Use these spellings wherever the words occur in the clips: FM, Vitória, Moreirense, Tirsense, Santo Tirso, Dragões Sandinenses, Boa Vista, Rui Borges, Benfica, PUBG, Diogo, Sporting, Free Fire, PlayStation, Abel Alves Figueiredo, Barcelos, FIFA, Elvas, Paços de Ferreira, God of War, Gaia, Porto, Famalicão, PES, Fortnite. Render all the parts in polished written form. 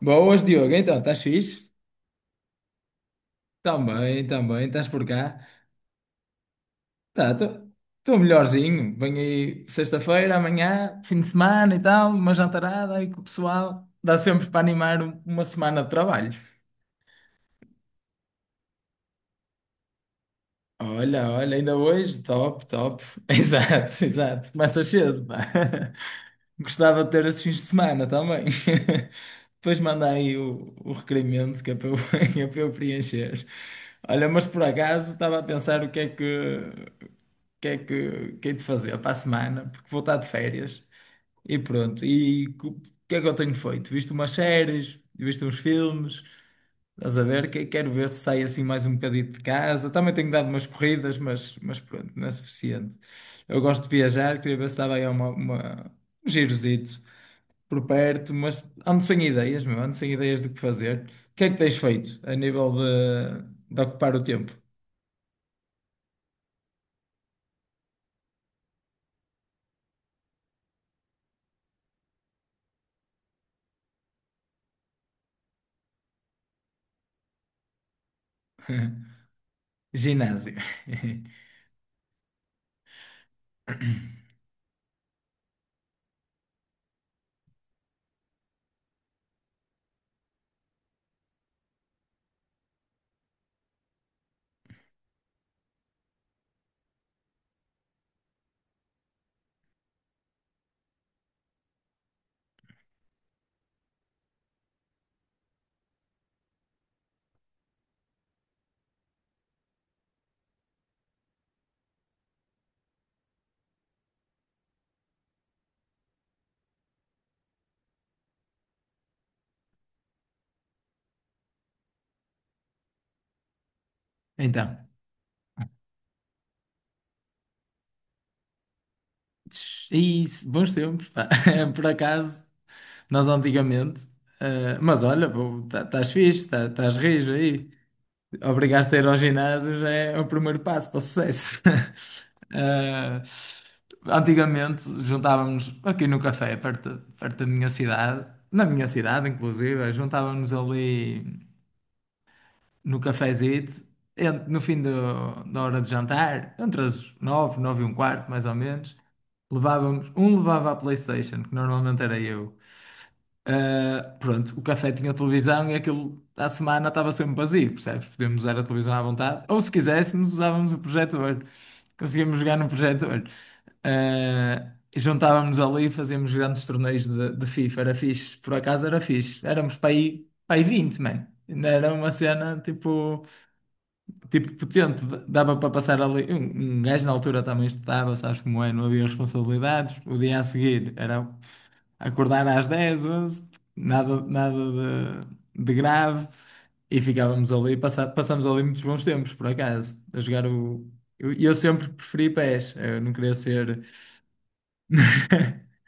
Boas, Diogo. Então, estás fixe? Estás por cá. Tá, estou melhorzinho. Venho aí sexta-feira, amanhã, fim de semana e tal, uma jantarada aí com o pessoal. Dá sempre para animar uma semana de trabalho. Olha, ainda hoje, top, top. Exato, exato. Começa cedo, pá. Gostava de ter esses fins de semana também. Depois manda aí o requerimento que é para eu, que é para eu preencher. Olha, mas por acaso estava a pensar o que é que é que hei de fazer para a semana, porque vou estar de férias e pronto. O que é que eu tenho feito? Visto umas séries, visto uns filmes, estás a ver? Quero ver se saio assim mais um bocadinho de casa. Também tenho dado umas corridas, mas pronto, não é suficiente. Eu gosto de viajar, queria ver se dava aí um girozito por perto, mas ando sem ideias, meu, ando sem ideias do que fazer. O que é que tens feito a nível de ocupar o tempo? Ginásio. Então. É isso, bons tempos, pá. Por acaso, nós antigamente. Mas olha, estás fixe, tá, estás rijo aí. Obrigaste a ir ao ginásio já é o primeiro passo para o sucesso. Eh, Antigamente juntávamos aqui no café, perto da minha cidade, na minha cidade, inclusive, juntávamos ali no cafezito, no fim da hora de jantar, entre as nove, nove e um quarto, mais ou menos, levávamos, um levava a PlayStation, que normalmente era eu. Ah, pronto, o café tinha televisão e aquilo à semana estava sempre vazio, percebes? Podíamos usar a televisão à vontade, ou se quiséssemos, usávamos o projetor. Conseguíamos jogar no projetor. Ah, e juntávamos ali e fazíamos grandes torneios de FIFA. Era fixe, por acaso era fixe. Éramos para aí 20, mano. Ainda era uma cena tipo potente, dava para passar ali. Um gajo na altura também estudava, sabes como é, não havia responsabilidades. O dia a seguir era acordar às 10, 11, nada de grave. E ficávamos ali, passamos ali muitos bons tempos, por acaso, a jogar o. Eu sempre preferi pés, eu não queria ser.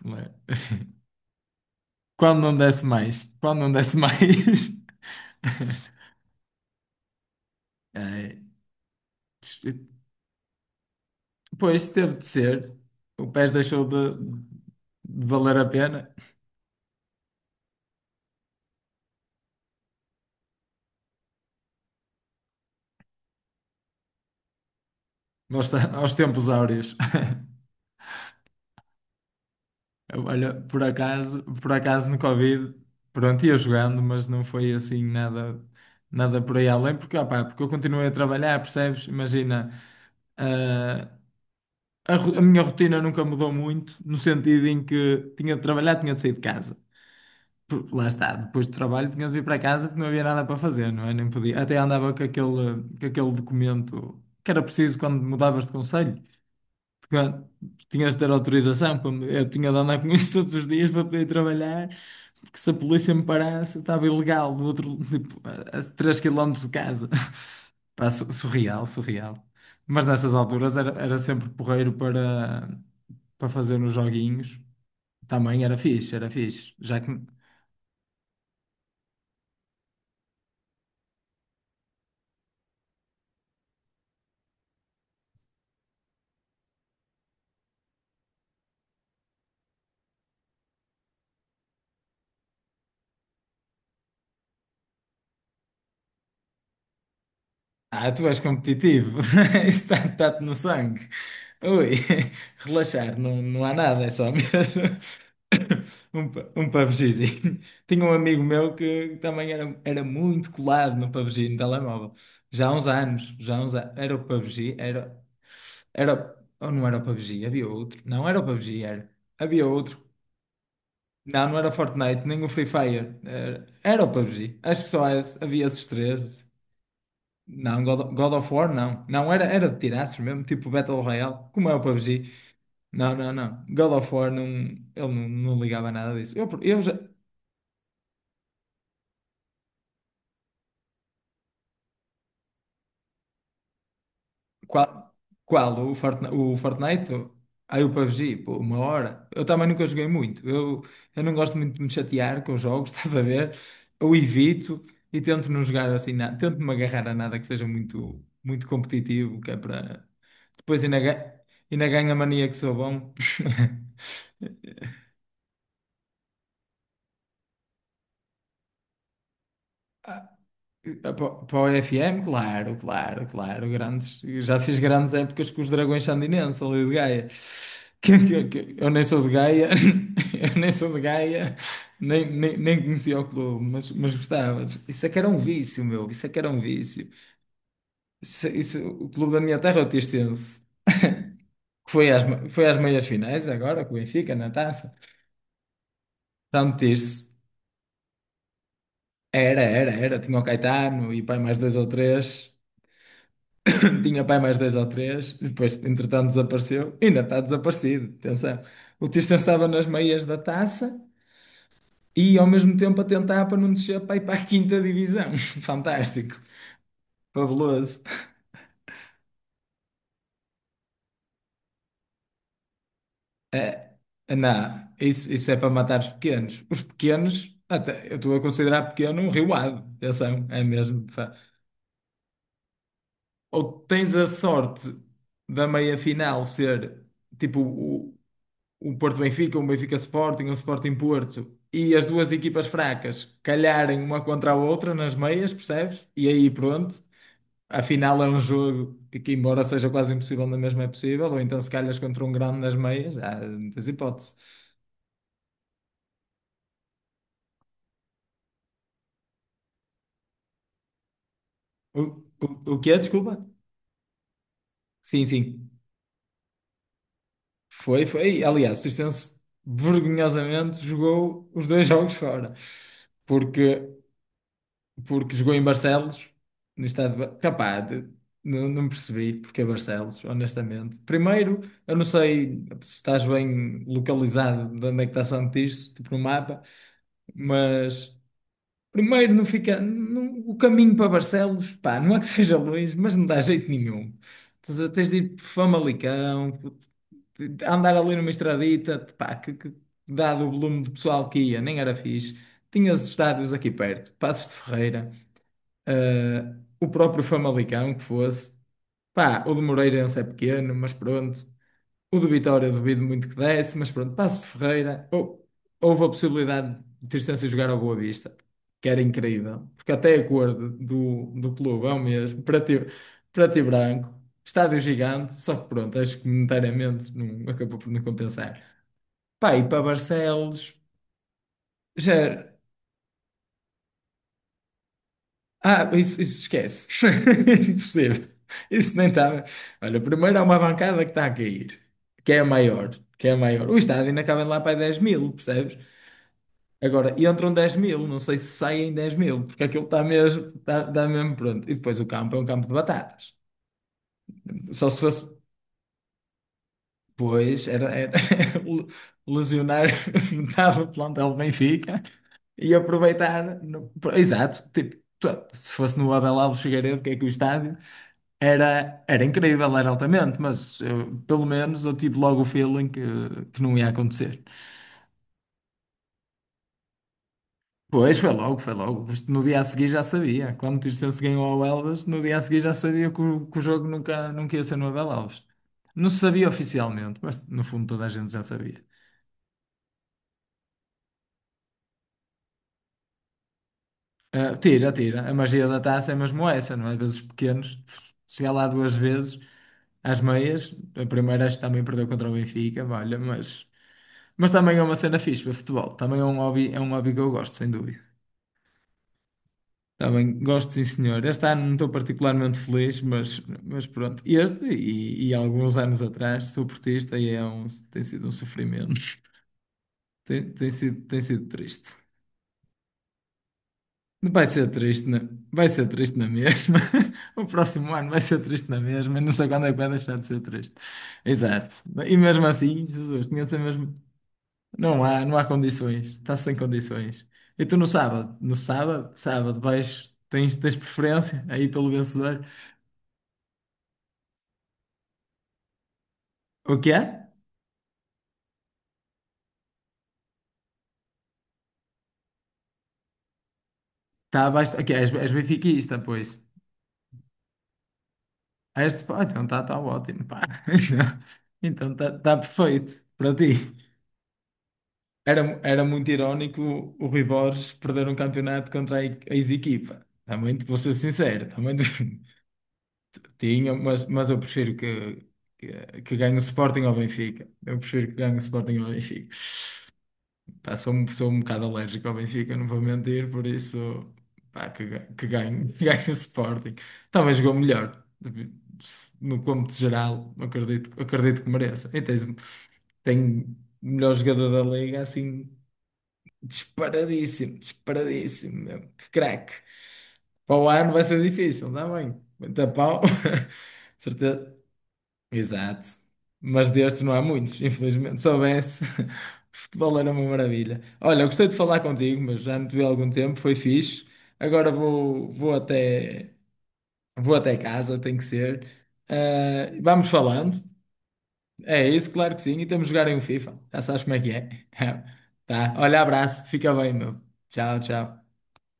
Como é? Quando não desse mais, quando não desse mais. Ai, pois teve de ser. O PES deixou de valer a pena aos, aos tempos áureos. Olha, por acaso no Covid, pronto, ia jogando, mas não foi assim nada, nada por aí além, porque, opá, porque eu continuei a trabalhar, percebes? Imagina, ah, a minha rotina nunca mudou muito, no sentido em que tinha de trabalhar, tinha de sair de casa. Porque lá está, depois do trabalho tinha de vir para casa porque não havia nada para fazer, não é? Nem podia. Até andava com aquele documento que era preciso quando mudavas de conselho, porque tinhas de ter autorização. Quando eu tinha de andar com isso todos os dias para poder trabalhar, porque se a polícia me parasse, eu estava ilegal do outro, tipo, a 3 km de casa. Pá, surreal, surreal. Mas nessas alturas era sempre porreiro para fazer uns joguinhos. Também era fixe, era fixe. Já que ah, tu és competitivo. Isso está-te no sangue. Ui, relaxar, não, não há nada, é só mesmo um PUBGzinho. Tinha um amigo meu que também era muito colado no PUBG, no telemóvel. Já há uns anos, já há uns anos. Era o PUBG, ou não era o PUBG, havia outro. Não era o PUBG, era. Havia outro. Não, não era o Fortnite, nem o Free Fire. Era o PUBG. Acho que só esse- havia esses três. Não, God of War não. Não, era de tirar mesmo, tipo Battle Royale, como é o PUBG. Não, não, não. God of War não, ele não, não ligava nada disso. Eu já, qual, qual? O Fortnite? O Fortnite? Aí o PUBG, pô, uma hora. Eu também nunca joguei muito. Eu não gosto muito de me chatear com os jogos, estás a ver? Eu evito e tento não jogar assim nada. Tento-me agarrar a nada que seja muito competitivo, que é para. Depois ainda, ainda ganho a mania que sou bom. Para o FM, claro, claro, claro. Grandes, já fiz grandes épocas com os Dragões Sandinenses ali de Gaia. Eu nem sou de Gaia, eu nem sou de Gaia, nem conhecia o clube, mas gostava. Isso é que era um vício, meu. Isso é que era um vício. O clube da minha terra é o Tirsense, que foi às, foi às meias finais agora, com o Benfica na taça. Tanto Tirse. Era. Tinha o Caetano e pai mais dois ou três. Tinha pai mais dois ou três, e depois, entretanto, desapareceu. Ainda está desaparecido, atenção. O Tirso estava nas meias da taça e, ao mesmo tempo, a tentar para não descer para ir para a quinta divisão. Fantástico, fabuloso. Não, isso é para matar os pequenos. Os pequenos, até, eu estou a considerar pequeno um riuado, atenção, é mesmo. Pá. Ou tens a sorte da meia-final ser, tipo, o Porto Benfica, um Benfica Sporting, um Sporting Porto e as duas equipas fracas calharem uma contra a outra nas meias, percebes? E aí pronto, afinal é um jogo que, embora seja quase impossível, na mesma é possível, ou então se calhas contra um grande nas meias, há muitas hipóteses. O, o que é? Desculpa? Sim, sim. Foi, foi. Aliás, o Circense vergonhosamente jogou os dois jogos fora, porque porque jogou em Barcelos, no estado de... Capaz, não, não percebi porque é Barcelos, honestamente. Primeiro, eu não sei se estás bem localizado de onde é que está Santo Tirso, tipo no mapa, mas primeiro não fica... O caminho para Barcelos, pá, não é que seja longe, mas não dá jeito nenhum. Tens de ir por Famalicão, andar ali numa estradita, pá, que dado o volume de pessoal que ia, nem era fixe. Tinhas estádios aqui perto, Passos de Ferreira. O próprio Famalicão que fosse. Pá, o do Moreirense é pequeno, mas pronto. O do Vitória eu duvido muito que desse, mas pronto. Paços de Ferreira, houve a possibilidade de Tirsense jogar ao Boa Vista, que era incrível, porque até a cor do clube é o mesmo, preto e branco, estádio gigante, só que pronto, acho que monetariamente não, acabou por não compensar. Pá, e para Barcelos. Já, ah, isso esquece. Impossível. Isso nem estava. Olha, primeiro há uma bancada que está a cair, que é a maior, que é a maior. O estádio ainda cabe lá para 10 mil, percebes? Agora, entram 10 mil, não sei se saem 10 mil, porque aquilo está mesmo, está mesmo pronto. E depois o campo é um campo de batatas. Só se fosse, pois, era lesionar metade do plantel do Benfica e aproveitar. Exato, tipo, se fosse no Abel Alves Figueiredo, que é que o estádio. Era incrível, era altamente, mas eu- pelo menos eu tive logo o feeling que não ia acontecer. Pois, foi logo, foi logo. Isto no dia a seguir já sabia. Quando o Tirsense ganhou ao Elvas, no dia a seguir já sabia que o jogo nunca ia ser no Abel Alves. Não se sabia oficialmente, mas no fundo toda a gente já sabia. Ah, tira, tira. A magia da taça é mesmo essa, não é? Às vezes os pequenos, chegar lá duas vezes, às meias, a primeira acho que também perdeu contra o Benfica, olha, mas. Mas também é uma cena fixe, ver futebol. Também é um hobby que eu gosto, sem dúvida. Também gosto, sim, senhor. Este ano não estou particularmente feliz, mas pronto. E alguns anos atrás, sou portista e é um, tem sido um sofrimento. Tem sido triste. Vai ser triste, vai ser triste na mesma. O próximo ano vai ser triste na mesma. Eu não sei quando é que vai deixar de ser triste. Exato. E mesmo assim, Jesus, tinha de ser mesmo. Não há, não há condições. Está sem condições. E tu no sábado? No sábado, sábado, vais, tens preferência aí pelo vencedor? O que é? Está abaixo. O que é? És benfiquista, pois. Ah, este, pá, então está tá tá ótimo, pá. Então está tá tá perfeito para ti. Era muito irónico o Rui Borges perder um campeonato contra a ex-equipa. Também, vou ser sincero, também tinha, mas eu prefiro que ganhe o Sporting ao Benfica. Eu prefiro que ganhe o Sporting ao Benfica. Pá, sou um bocado alérgico ao Benfica, não vou mentir, por isso, pá, que, ga- que ganho, que ganho o Sporting. Talvez jogou melhor, no cômputo geral, acredito que mereça. E tens, tem o melhor jogador da liga, assim, disparadíssimo, disparadíssimo, mesmo. Que craque. Para o ano vai ser difícil, está bem, muita pau, certeza. Exato. Mas destes não há muitos, infelizmente. Se soubesse, futebol era uma maravilha. Olha, eu gostei de falar contigo, mas já não te vi há algum tempo, foi fixe. Agora vou até casa, tem que ser. Ah, vamos falando. É isso, claro que sim. E temos de jogar em um FIFA. Já sabes como é que é. Tá. Olha, abraço. Fica bem, meu. Tchau, tchau.